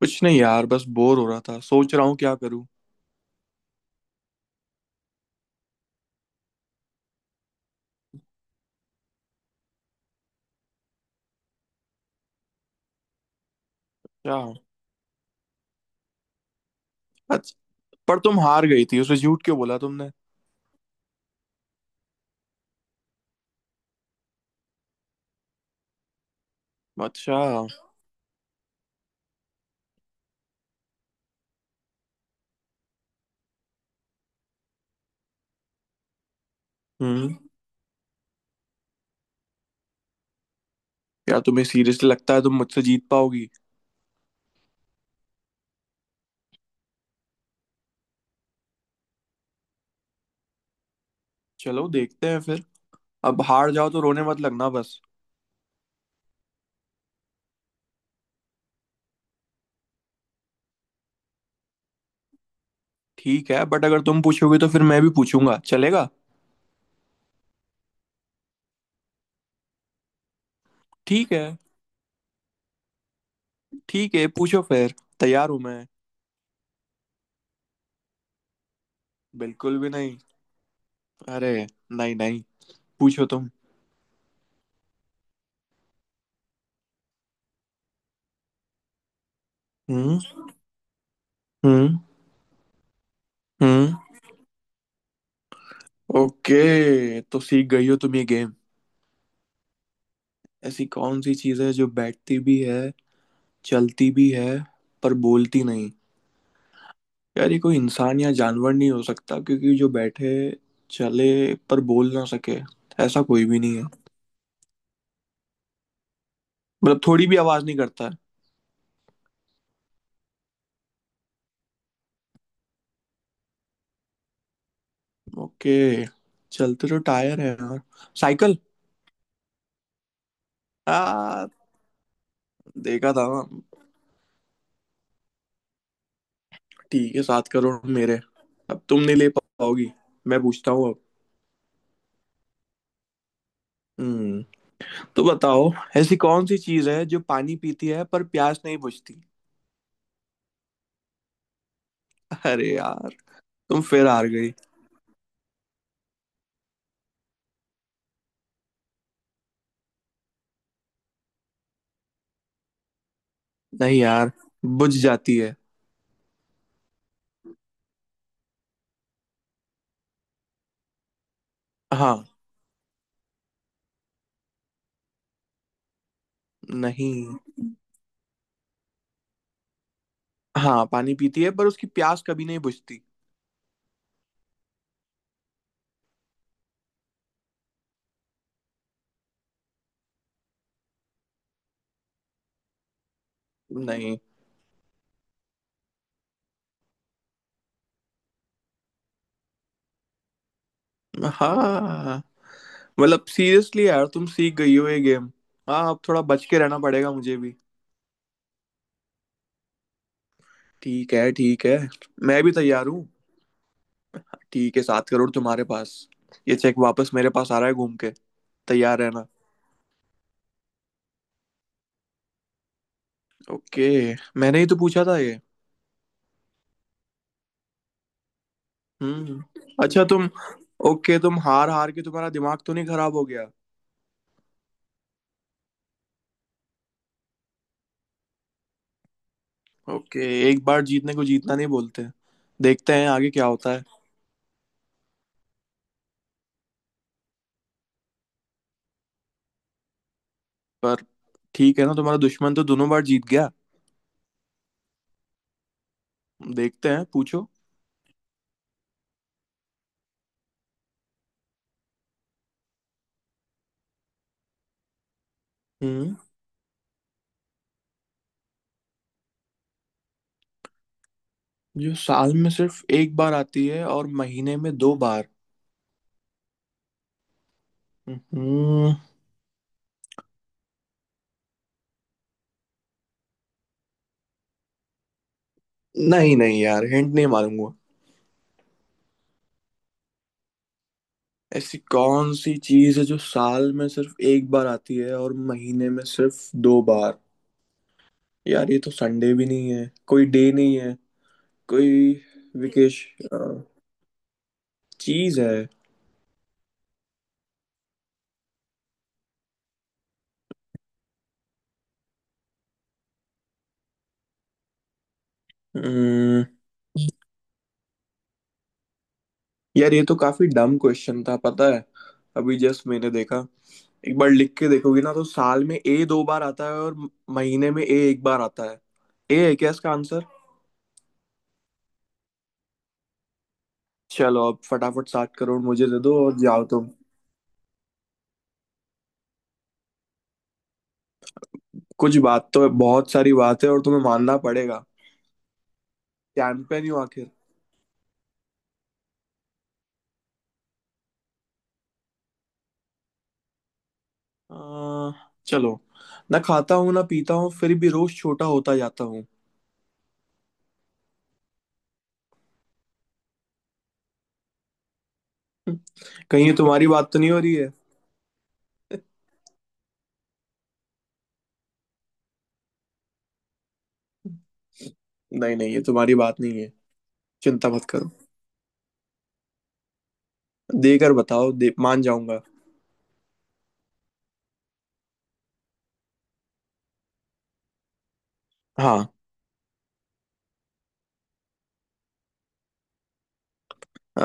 कुछ नहीं यार। बस बोर हो रहा था। सोच रहा हूँ क्या करूँ। क्या। अच्छा। पर तुम हार गई थी, उसे झूठ क्यों बोला तुमने? अच्छा। हम्म। क्या तुम्हें सीरियसली लगता है तुम मुझसे जीत पाओगी? चलो देखते हैं फिर। अब हार जाओ तो रोने मत लगना बस। ठीक है, बट अगर तुम पूछोगी तो फिर मैं भी पूछूंगा, चलेगा? ठीक है। ठीक है पूछो फिर। तैयार हूं मैं। बिल्कुल भी नहीं। अरे। नहीं नहीं। पूछो तुम। हम्म। हम्म। हम्म। ओके तो सीख गई हो तुम ये गेम। ऐसी कौन सी चीज़ है जो बैठती भी है, चलती भी है, पर बोलती नहीं? यार ये कोई इंसान या जानवर नहीं हो सकता, क्योंकि जो बैठे, चले, पर बोल ना सके ऐसा कोई भी नहीं है। मतलब थोड़ी भी आवाज़ नहीं करता है? ओके। चलते तो टायर है यार। साइकिल। आ देखा था ना। ठीक है, 7 करोड़ मेरे। अब तुम नहीं ले पाओगी। मैं पूछता हूँ अब। हम्म। तो बताओ। ऐसी कौन सी चीज है जो पानी पीती है पर प्यास नहीं बुझती? अरे यार। तुम फिर हार गई। नहीं यार। बुझ जाती है। हाँ। नहीं। हाँ, पानी पीती है पर उसकी प्यास कभी नहीं बुझती। नहीं। हाँ। मतलब सीरियसली यार तुम सीख गई हो ये गेम। हाँ अब थोड़ा बच के रहना पड़ेगा मुझे भी। ठीक है। ठीक है। मैं भी तैयार हूँ। ठीक है, 7 करोड़ तुम्हारे पास। ये चेक वापस मेरे पास आ रहा है घूम के। तैयार रहना। ओके। मैंने ही तो पूछा था ये। हम्म। अच्छा तुम। ओके, तुम हार हार के तुम्हारा दिमाग तो नहीं खराब हो गया? ओके। एक बार जीतने को जीतना नहीं बोलते। देखते हैं आगे क्या होता है। पर ठीक है ना, तुम्हारा दुश्मन तो दोनों बार जीत गया। देखते हैं पूछो। हम्म। जो साल में सिर्फ एक बार आती है और महीने में दो बार। हम्म। नहीं नहीं यार, हिंट नहीं मारूंगा। ऐसी कौन सी चीज है जो साल में सिर्फ एक बार आती है और महीने में सिर्फ दो बार? यार ये तो संडे भी नहीं है, कोई डे नहीं है, कोई। विकेश। चीज है। हम्म, यार ये तो काफी डम क्वेश्चन था पता है। अभी जस्ट मैंने देखा। एक बार लिख के देखोगे ना तो साल में ए दो बार आता है और महीने में ए एक बार आता है। ए है क्या इसका आंसर? चलो अब फटाफट 7 करोड़ मुझे दे दो और जाओ तुम। कुछ बात तो है, बहुत सारी बात है और तुम्हें मानना पड़ेगा। चैंपियन हूँ आखिर। अह, चलो। ना खाता हूँ ना पीता हूँ फिर भी रोज छोटा होता जाता हूँ। कहीं ये तुम्हारी बात तो नहीं हो रही है? नहीं नहीं, ये तुम्हारी बात नहीं है। चिंता मत करो। देकर बताओ, दे, मान जाऊंगा। हाँ। अ,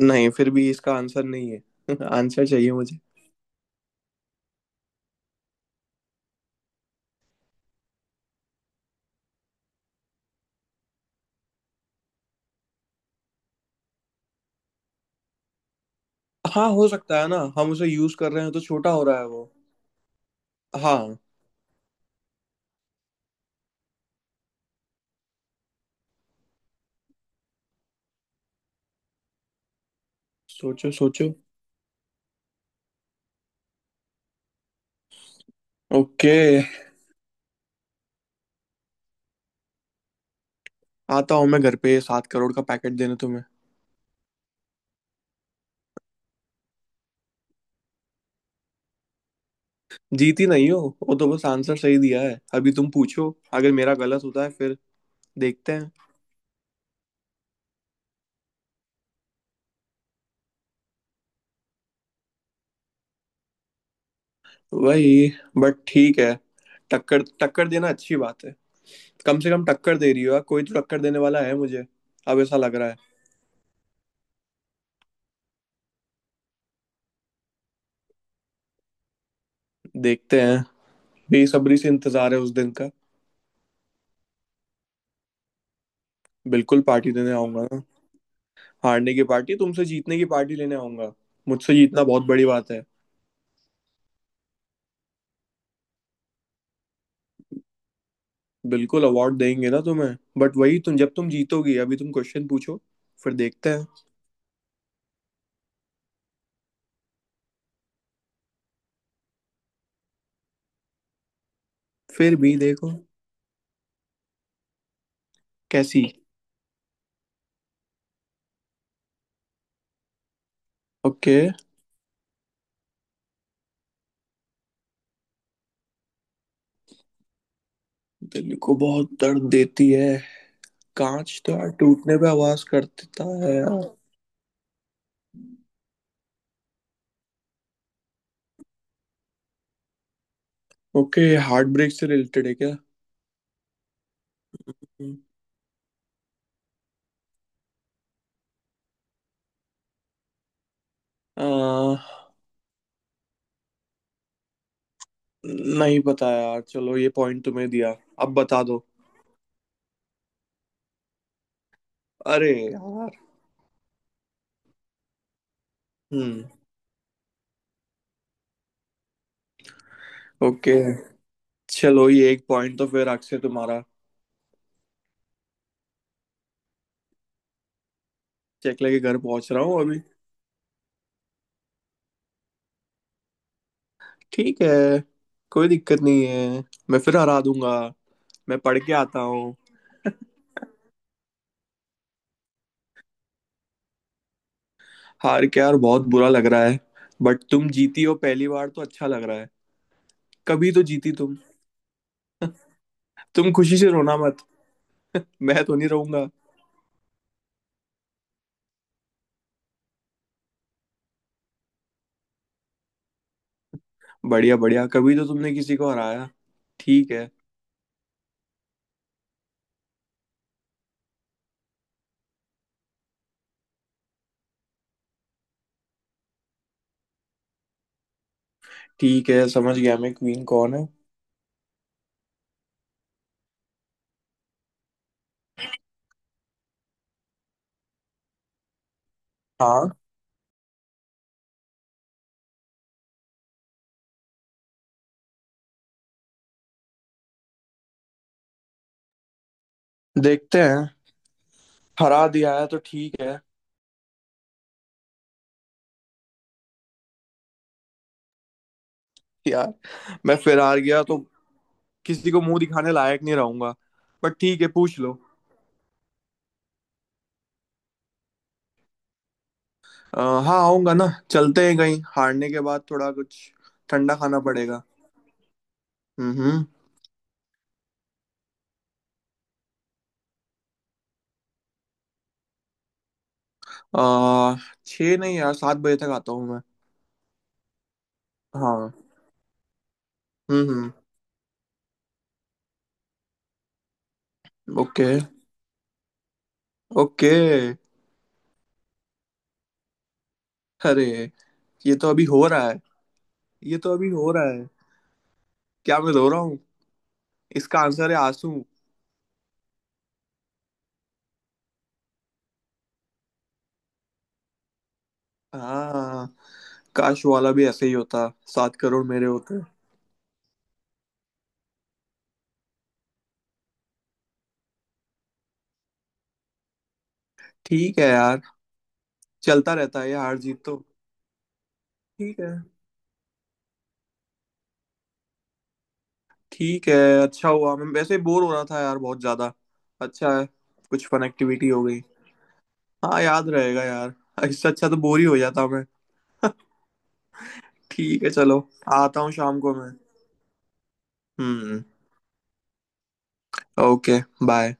नहीं, फिर भी इसका आंसर नहीं है। आंसर चाहिए मुझे। हाँ हो सकता है ना, हम उसे यूज कर रहे हैं तो छोटा हो रहा है वो। हाँ। सोचो सोचो। ओके। आता हूँ मैं घर पे 7 करोड़ का पैकेट देने तुम्हें। जीती नहीं हो। वो तो बस आंसर सही दिया है, अभी तुम पूछो अगर मेरा गलत होता है फिर देखते हैं। वही, बट ठीक है। टक्कर टक्कर देना अच्छी बात है। कम से कम टक्कर दे रही हो यार, कोई तो टक्कर देने वाला है मुझे। अब ऐसा लग रहा है। देखते हैं। बेसब्री से इंतजार है उस दिन का। बिल्कुल पार्टी देने आऊंगा ना। हारने की पार्टी, तुमसे जीतने की पार्टी लेने आऊंगा। मुझसे जीतना बहुत बड़ी बात है। बिल्कुल अवार्ड देंगे ना तुम्हें, बट वही, तुम जब तुम जीतोगी। अभी तुम क्वेश्चन पूछो। फिर देखते हैं। फिर भी देखो। कैसी? ओके। दिल को बहुत दर्द देती है। कांच तो यार टूटने पे आवाज करता है यार। ओके। हार्ट ब्रेक से रिलेटेड है क्या? आ, नहीं पता यार, चलो ये पॉइंट तुम्हें दिया। अब बता दो। अरे यार। हम्म। ओके। चलो ये एक पॉइंट तो फिर अक्षय तुम्हारा। चेक लेके घर पहुंच रहा हूँ अभी। ठीक है। कोई दिक्कत नहीं है। मैं फिर हरा दूंगा। मैं पढ़ के आता हूँ। हार के यार बहुत बुरा लग रहा है। बट तुम जीती हो पहली बार तो अच्छा लग रहा है। कभी तो जीती तुम। तुम खुशी से रोना मत। मैं तो नहीं रहूंगा। बढ़िया बढ़िया, कभी तो तुमने किसी को हराया। ठीक है। ठीक है समझ गया मैं, क्वीन कौन है। हाँ। देखते हैं। हरा दिया है तो ठीक है। यार मैं फिर हार गया तो किसी को मुंह दिखाने लायक नहीं रहूंगा। बट ठीक है, पूछ लो। अ, हाँ आऊंगा ना। चलते हैं कहीं, हारने के बाद थोड़ा कुछ ठंडा खाना पड़ेगा। हम्म। आ 6 नहीं यार, 7 बजे तक आता हूँ मैं। हाँ। हम्म। ओके। ओके। अरे ये तो अभी हो रहा है। ये तो अभी हो रहा है। क्या मैं रो रहा हूँ? इसका आंसर है आंसू। हाँ। काश वाला भी ऐसे ही होता। 7 करोड़ मेरे होते। ठीक है यार। चलता रहता है ये हार जीत तो। ठीक है। ठीक है। अच्छा हुआ, मैं वैसे ही बोर हो रहा था यार बहुत ज्यादा। अच्छा है। कुछ फन एक्टिविटी हो गई। हाँ याद रहेगा यार। इससे अच्छा तो बोर ही हो जाता मैं। ठीक है चलो। आता हूँ शाम को मैं। हम्म। ओके। बाय।